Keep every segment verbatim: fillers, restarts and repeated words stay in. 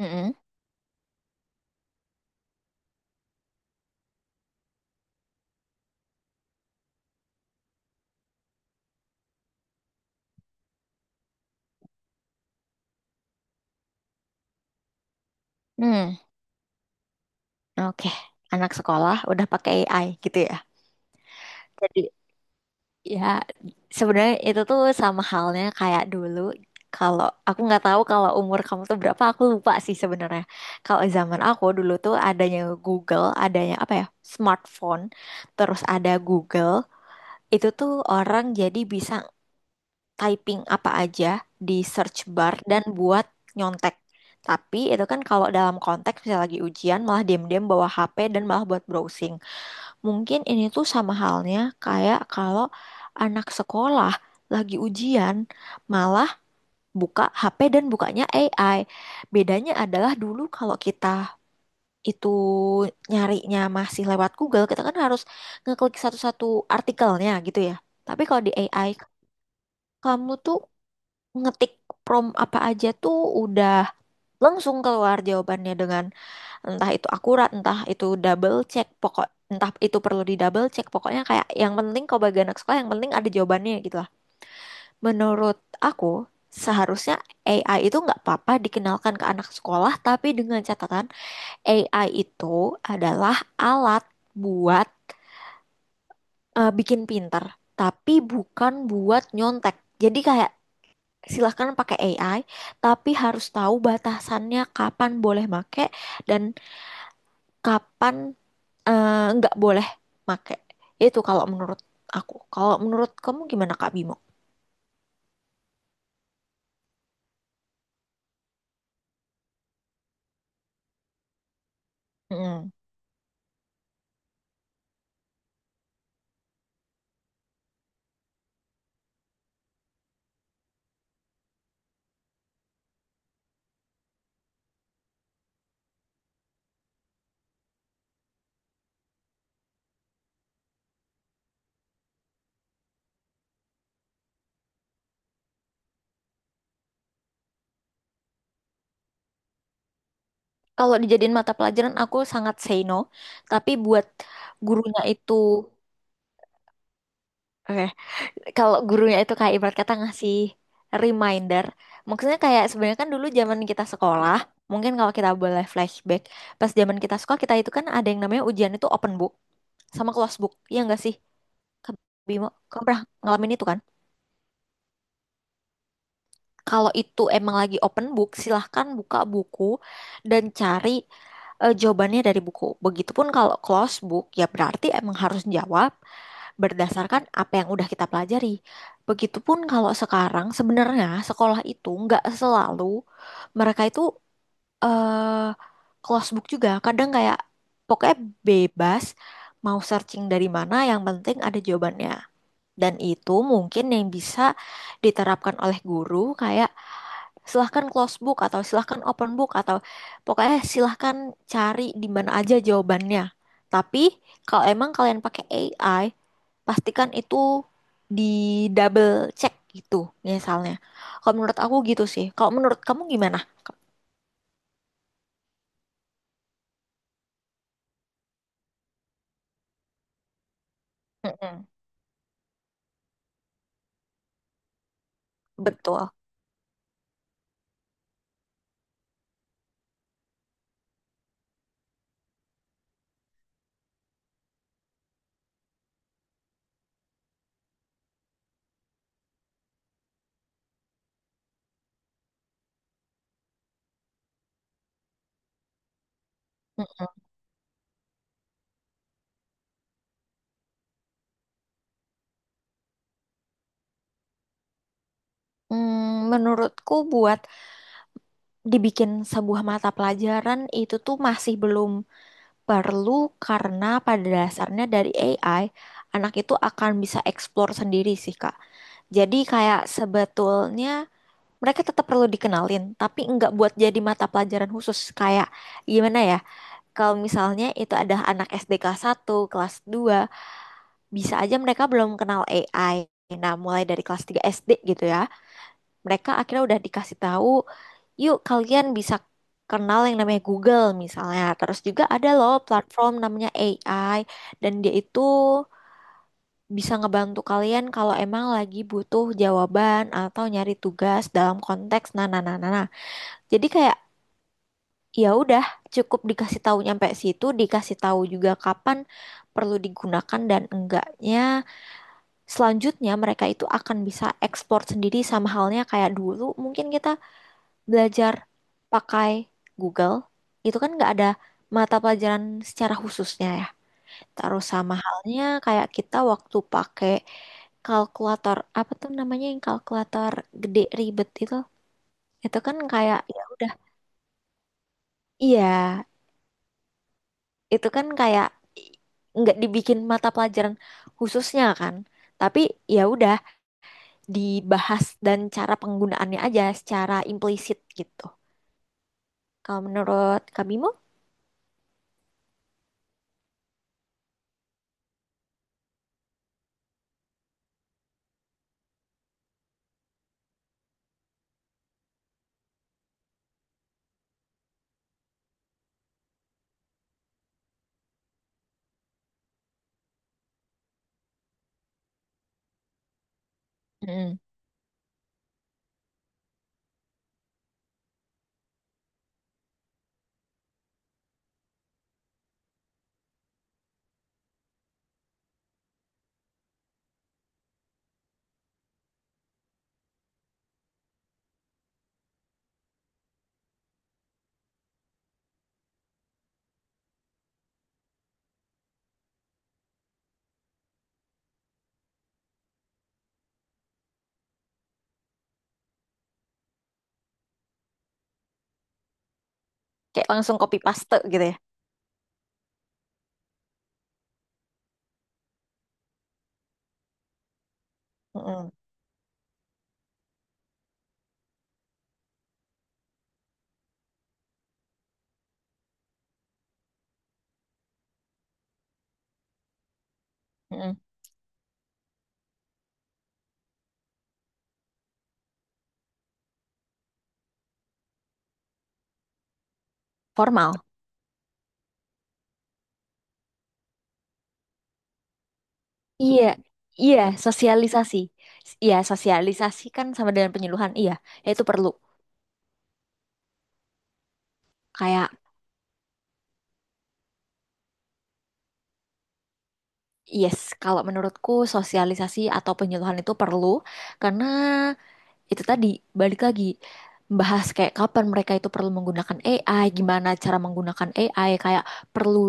Mm-mm. Hmm, oke. Anak sekolah udah pakai A I gitu ya. Jadi ya sebenarnya itu tuh sama halnya kayak dulu. Kalau aku nggak tahu kalau umur kamu tuh berapa, aku lupa sih sebenarnya. Kalau zaman aku dulu tuh adanya Google, adanya apa ya? Smartphone, terus ada Google, itu tuh orang jadi bisa typing apa aja di search bar dan buat nyontek. Tapi itu kan kalau dalam konteks misalnya lagi ujian, malah diam-diam bawa H P dan malah buat browsing. Mungkin ini tuh sama halnya kayak kalau anak sekolah lagi ujian malah buka H P dan bukanya A I. Bedanya adalah dulu kalau kita itu nyarinya masih lewat Google, kita kan harus ngeklik satu-satu artikelnya gitu ya. Tapi kalau di A I, kamu tuh ngetik prom apa aja tuh udah langsung keluar jawabannya, dengan entah itu akurat, entah itu double check, pokok entah itu perlu di double check, pokoknya kayak yang penting kalau bagi anak sekolah yang penting ada jawabannya gitu lah. Menurut aku seharusnya A I itu nggak apa-apa dikenalkan ke anak sekolah, tapi dengan catatan A I itu adalah alat buat, eh, bikin pinter, tapi bukan buat nyontek. Jadi kayak silahkan pakai A I, tapi harus tahu batasannya kapan boleh make dan kapan eh, nggak boleh make. Itu kalau menurut aku. Kalau menurut kamu gimana, Kak Bimo? Mm. Kalau dijadiin mata pelajaran aku sangat say no, tapi buat gurunya itu, oke. Kalau gurunya itu kayak ibarat kata ngasih reminder, maksudnya kayak sebenarnya kan dulu zaman kita sekolah, mungkin kalau kita boleh flashback, pas zaman kita sekolah, kita itu kan ada yang namanya ujian itu open book sama close book, ya nggak sih, Kak Bimo? Kamu pernah ngalamin itu kan. Kalau itu emang lagi open book, silahkan buka buku dan cari eh, jawabannya dari buku. Begitupun kalau close book, ya berarti emang harus jawab berdasarkan apa yang udah kita pelajari. Begitupun kalau sekarang, sebenarnya sekolah itu nggak selalu mereka itu eh close book juga, kadang kayak pokoknya bebas mau searching dari mana, yang penting ada jawabannya. Dan itu mungkin yang bisa diterapkan oleh guru, kayak silahkan close book atau silahkan open book, atau pokoknya silahkan cari di mana aja jawabannya. Tapi kalau emang kalian pakai A I, pastikan itu di double check gitu misalnya. Kalau menurut aku gitu sih. Kalau menurut kamu gimana? Mm-mm. Betul. Mm, menurutku buat dibikin sebuah mata pelajaran itu tuh masih belum perlu, karena pada dasarnya dari A I, anak itu akan bisa explore sendiri sih, Kak. Jadi kayak sebetulnya mereka tetap perlu dikenalin, tapi nggak buat jadi mata pelajaran khusus. Kayak gimana ya, kalau misalnya itu ada anak S D kelas satu, kelas dua, bisa aja mereka belum kenal A I. Nah, mulai dari kelas tiga S D gitu ya, mereka akhirnya udah dikasih tahu, yuk kalian bisa kenal yang namanya Google misalnya. Terus juga ada loh platform namanya A I, dan dia itu bisa ngebantu kalian kalau emang lagi butuh jawaban atau nyari tugas dalam konteks nah, nah, nah, nah, nah. Jadi kayak ya udah, cukup dikasih tahu nyampe situ, dikasih tahu juga kapan perlu digunakan dan enggaknya. Selanjutnya mereka itu akan bisa ekspor sendiri, sama halnya kayak dulu mungkin kita belajar pakai Google, itu kan nggak ada mata pelajaran secara khususnya ya. Terus sama halnya kayak kita waktu pakai kalkulator, apa tuh namanya, yang kalkulator gede ribet itu itu kan kayak ya udah. Iya, itu kan kayak i- nggak dibikin mata pelajaran khususnya kan, tapi ya udah dibahas dan cara penggunaannya aja secara implisit gitu, kalau menurut Kak Bimo. Mm, kayak langsung copy paste gitu ya. Mm-mm, mm-mm. Formal. Iya, iya, sosialisasi. Iya, sosialisasi kan sama dengan penyuluhan. Iya, ya itu perlu. Kayak, yes, kalau menurutku sosialisasi atau penyuluhan itu perlu. Karena itu tadi, balik lagi, membahas kayak kapan mereka itu perlu menggunakan A I, gimana cara menggunakan A I, kayak perlu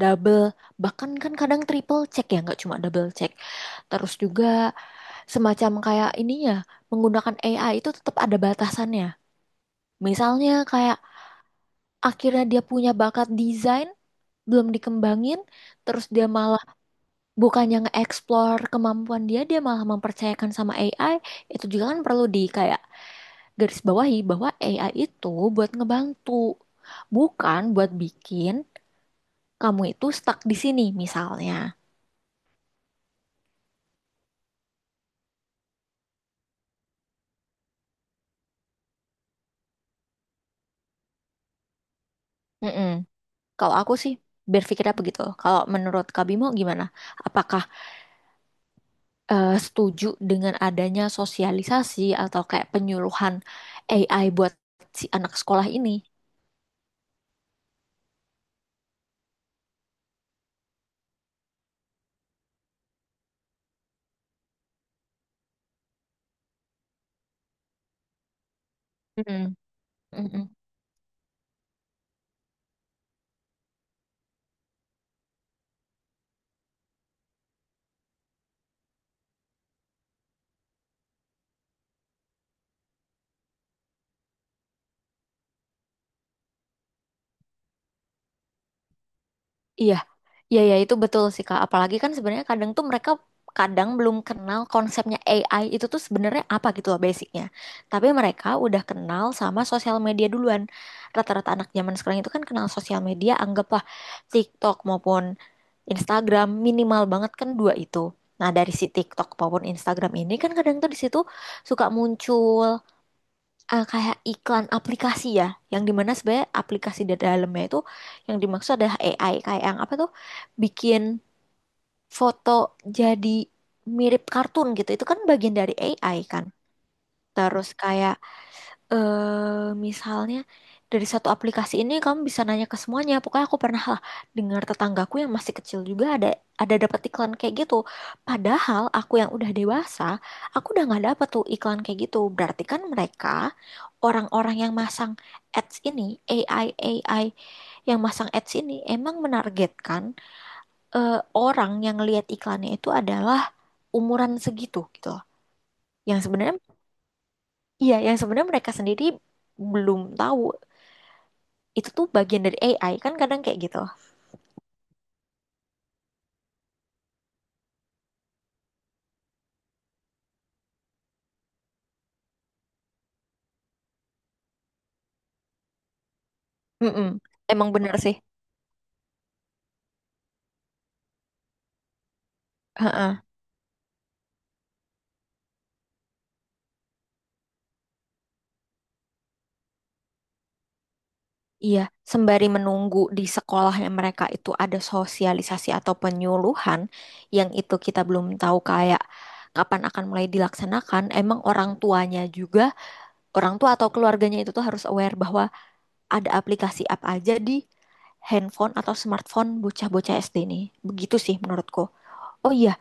double, bahkan kan kadang triple check, ya, nggak cuma double check. Terus juga semacam kayak ininya, menggunakan A I itu tetap ada batasannya. Misalnya kayak akhirnya dia punya bakat desain, belum dikembangin, terus dia malah bukannya nge-explore kemampuan dia, dia malah mempercayakan sama A I. Itu juga kan perlu di kayak garis bawahi bahwa A I itu buat ngebantu, bukan buat bikin kamu itu stuck di sini misalnya. Mm-mm. Kalau aku sih berpikirnya begitu. Kalau menurut Kak Bimo gimana? Apakah eh, setuju dengan adanya sosialisasi atau kayak penyuluhan A I buat si anak sekolah ini. Mm. Mm-mm. Iya, iya, iya, itu betul sih, Kak. Apalagi kan sebenarnya kadang tuh mereka kadang belum kenal konsepnya A I itu tuh sebenarnya apa gitu loh, basicnya. Tapi mereka udah kenal sama sosial media duluan. Rata-rata anak zaman sekarang itu kan kenal sosial media, anggaplah TikTok maupun Instagram, minimal banget kan dua itu. Nah, dari si TikTok maupun Instagram ini kan kadang tuh di situ suka muncul eh, kayak iklan aplikasi ya, yang dimana sebenarnya aplikasi di dalamnya itu yang dimaksud adalah A I, kayak yang apa tuh, bikin foto jadi mirip kartun gitu. Itu kan bagian dari A I kan. Terus kayak eh misalnya dari satu aplikasi ini kamu bisa nanya ke semuanya. Pokoknya aku pernah lah dengar tetanggaku yang masih kecil juga ada ada dapat iklan kayak gitu. Padahal aku yang udah dewasa, aku udah nggak dapat tuh iklan kayak gitu. Berarti kan mereka, orang-orang yang masang ads ini, A I A I yang masang ads ini emang menargetkan eh, orang yang lihat iklannya itu adalah umuran segitu gitu loh. Yang sebenarnya, iya, yang sebenarnya mereka sendiri belum tahu itu tuh bagian dari A I kan, kadang kayak gitu. Mm-mm. Emang bener sih. Heeh. Iya, sembari menunggu di sekolahnya mereka itu ada sosialisasi atau penyuluhan, yang itu kita belum tahu kayak kapan akan mulai dilaksanakan, emang orang tuanya juga, orang tua atau keluarganya itu tuh harus aware bahwa ada aplikasi apa aja di handphone atau smartphone bocah-bocah S D nih. Begitu sih menurutku. Oh iya,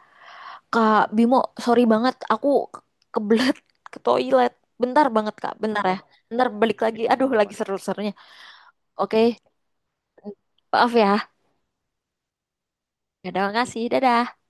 Kak Bimo, sorry banget, aku ke- kebelet ke toilet. Bentar banget, Kak. Bentar ya. Bentar balik lagi. Iya, aduh, lagi seru-serunya. Oke, maaf ya. Ya udah, makasih. Dadah.